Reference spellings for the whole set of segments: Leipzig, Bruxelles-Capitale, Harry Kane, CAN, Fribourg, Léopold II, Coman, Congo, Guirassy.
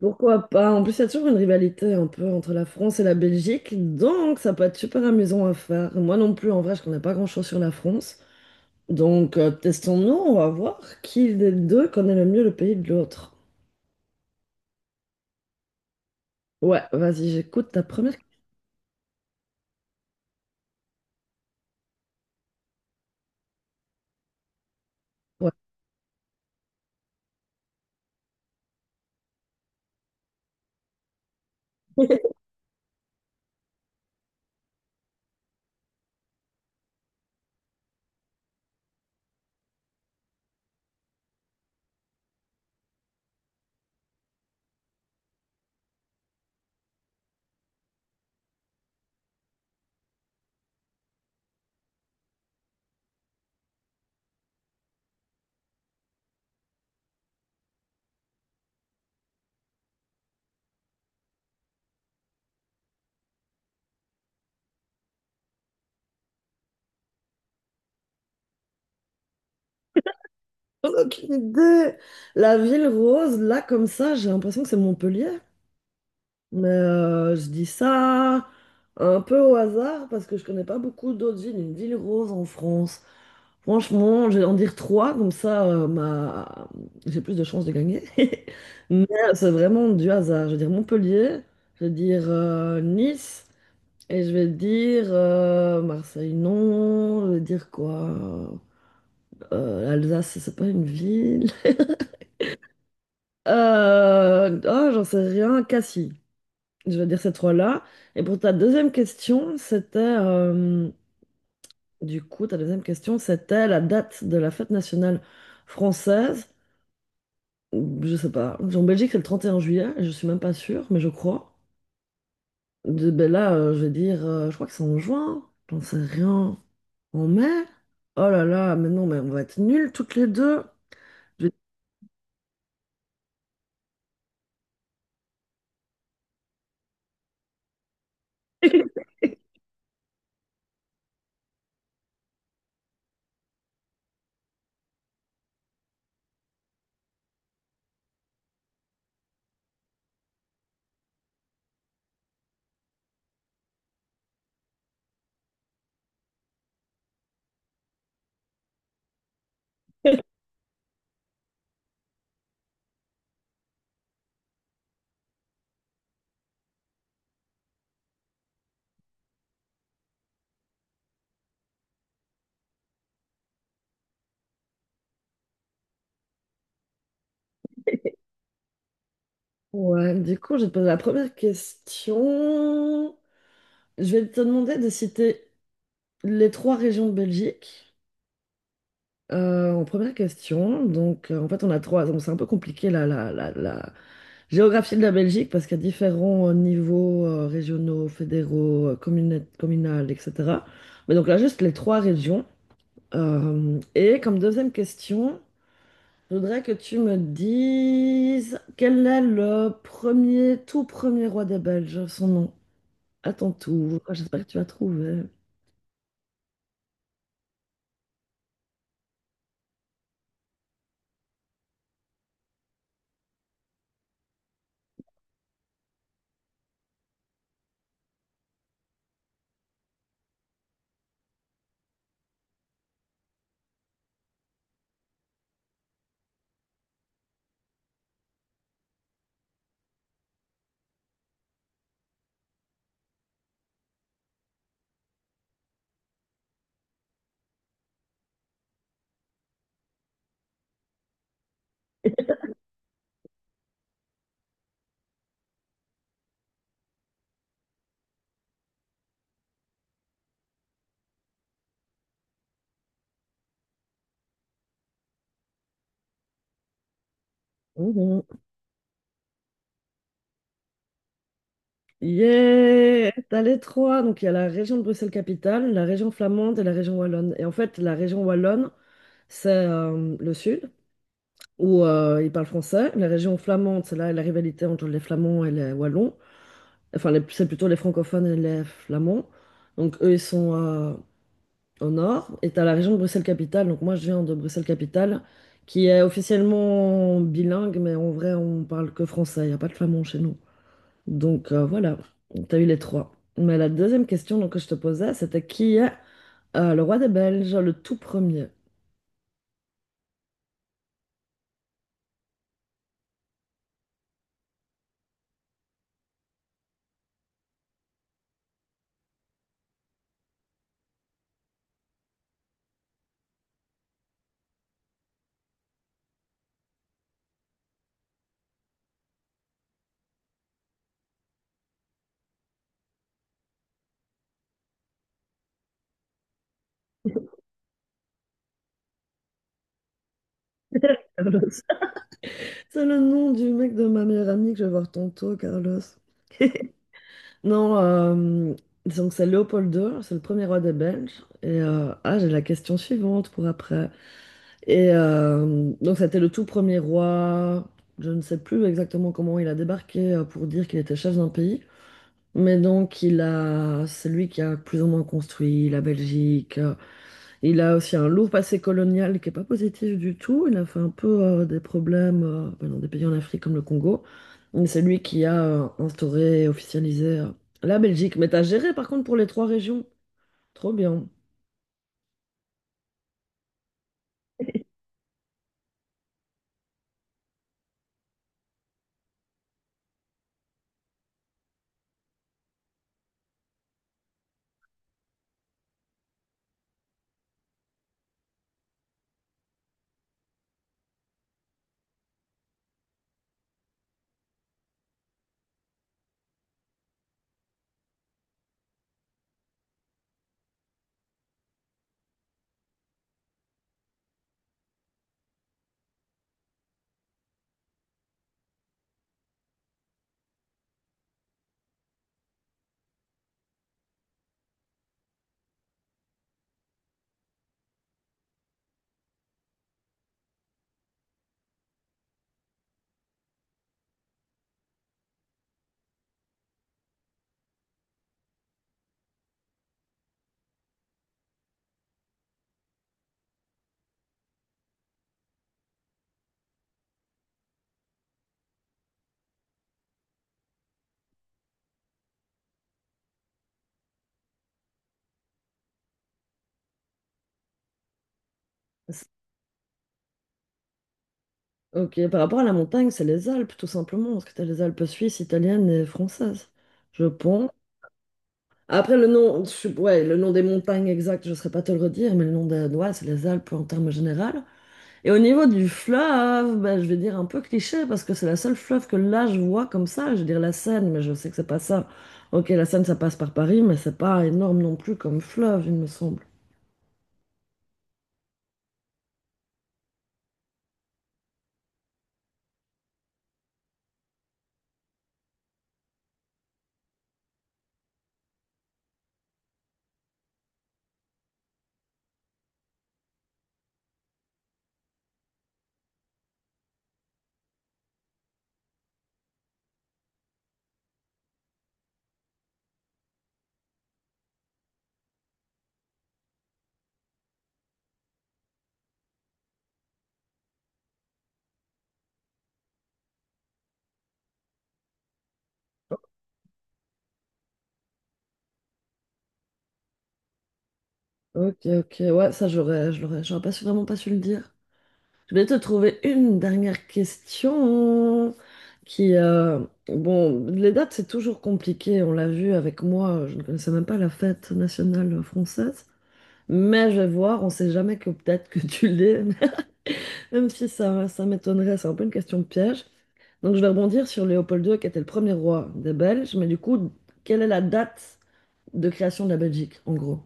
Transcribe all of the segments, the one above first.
Pourquoi pas? En plus, il y a toujours une rivalité un peu entre la France et la Belgique, donc ça peut être super amusant à faire. Moi non plus, en vrai, je connais pas grand-chose sur la France. Donc, testons-nous, on va voir qui des deux connaît le mieux le pays de l'autre. Ouais, vas-y, j'écoute ta première question. Ouais. J'en ai aucune idée. La ville rose, là, comme ça, j'ai l'impression que c'est Montpellier. Mais je dis ça un peu au hasard parce que je connais pas beaucoup d'autres villes. Une ville rose en France. Franchement, je vais en dire trois, comme ça ma... j'ai plus de chances de gagner. Mais c'est vraiment du hasard. Je vais dire Montpellier, je vais dire Nice, et je vais dire Marseille, non. Je vais dire quoi? L'Alsace, c'est pas une ville. Oh, j'en sais rien, Cassis. Je vais dire ces trois-là. Et pour ta deuxième question, c'était... Du coup, ta deuxième question, c'était la date de la fête nationale française. Je sais pas. En Belgique, c'est le 31 juillet, je suis même pas sûre, mais je crois. Ben là, je vais dire, je crois que c'est en juin, j'en sais rien. En mai? Oh là là, mais non, mais on va être nuls toutes les deux. Je vais- Ouais, du coup, je vais te poser la première question. Je vais te demander de citer les 3 régions de Belgique. En première question, donc en fait on a 3, donc c'est un peu compliqué là. Géographie de la Belgique, parce qu'à différents niveaux régionaux, fédéraux, communal, etc. Mais donc là, juste les 3 régions. Et comme deuxième question, je voudrais que tu me dises quel est le premier, tout premier roi des Belges, son nom, à ton tour. Ah, j'espère que tu as trouvé. Mhm. Yeah! T'as les 3. Donc, il y a la région de Bruxelles-Capitale, la région flamande et la région wallonne. Et en fait, la région wallonne, c'est le sud, où ils parlent français. La région flamande, c'est là la rivalité entre les Flamands et les Wallons. C'est plutôt les francophones et les Flamands. Donc, eux, ils sont au nord. Et tu as la région de Bruxelles-Capitale. Donc, moi, je viens de Bruxelles-Capitale, qui est officiellement bilingue, mais en vrai, on parle que français. Il n'y a pas de flamand chez nous. Donc, voilà, tu as eu les 3. Mais la deuxième question donc, que je te posais, c'était qui est le roi des Belges, le tout premier? Carlos. C'est le nom du mec de ma meilleure amie que je vais voir tantôt, Carlos. Non, donc c'est Léopold II, c'est le premier roi des Belges. Et ah, j'ai la question suivante pour après. Et donc c'était le tout premier roi. Je ne sais plus exactement comment il a débarqué pour dire qu'il était chef d'un pays, c'est lui qui a plus ou moins construit la Belgique. Il a aussi un lourd passé colonial qui est pas positif du tout. Il a fait un peu des problèmes dans des pays en Afrique comme le Congo. Mais c'est lui qui a instauré et officialisé la Belgique. Mais t'as géré par contre pour les 3 régions. Trop bien. C'est- Ok, par rapport à la montagne, c'est les Alpes tout simplement. Parce que t'as les Alpes suisses, italiennes et françaises. Je pense. Après, le nom, ouais, le nom des montagnes exact, je ne saurais pas te le redire, mais le nom des ouais, c'est les Alpes en termes généraux. Et au niveau du fleuve, ben, je vais dire un peu cliché, parce que c'est la seule fleuve que là, je vois comme ça. Je veux dire la Seine, mais je sais que c'est pas ça. Ok, la Seine, ça passe par Paris, mais c'est pas énorme non plus comme fleuve, il me semble. Ok, ok, ouais, ça, je l'aurais, j'aurais pas su, vraiment pas su le dire. Je vais te trouver une dernière question qui, bon, les dates, c'est toujours compliqué. On l'a vu avec moi, je ne connaissais même pas la fête nationale française. Mais je vais voir, on ne sait jamais que peut-être que tu l'es, même si ça, ça m'étonnerait, c'est un peu une question piège. Donc je vais rebondir sur Léopold II qui était le premier roi des Belges, mais du coup, quelle est la date de création de la Belgique, en gros?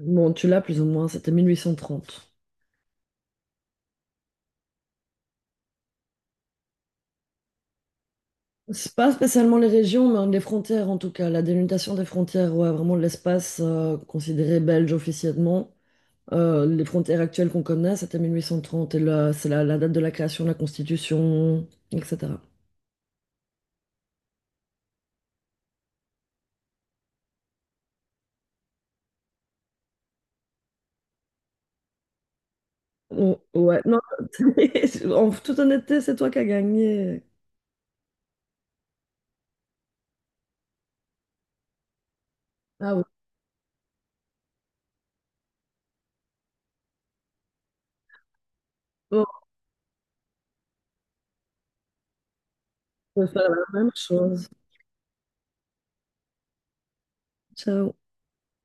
Bon, tu l'as plus ou moins, c'était 1830. C'est pas spécialement les régions, mais les frontières en tout cas. La délimitation des frontières, ouais, vraiment l'espace considéré belge officiellement. Les frontières actuelles qu'on connaît, c'était 1830, et là, c'est la date de la création de la Constitution, etc. Oh, ouais, non, en toute honnêteté, c'est toi qui as gagné. Ah oui, bon, on peut faire la même chose. Ciao.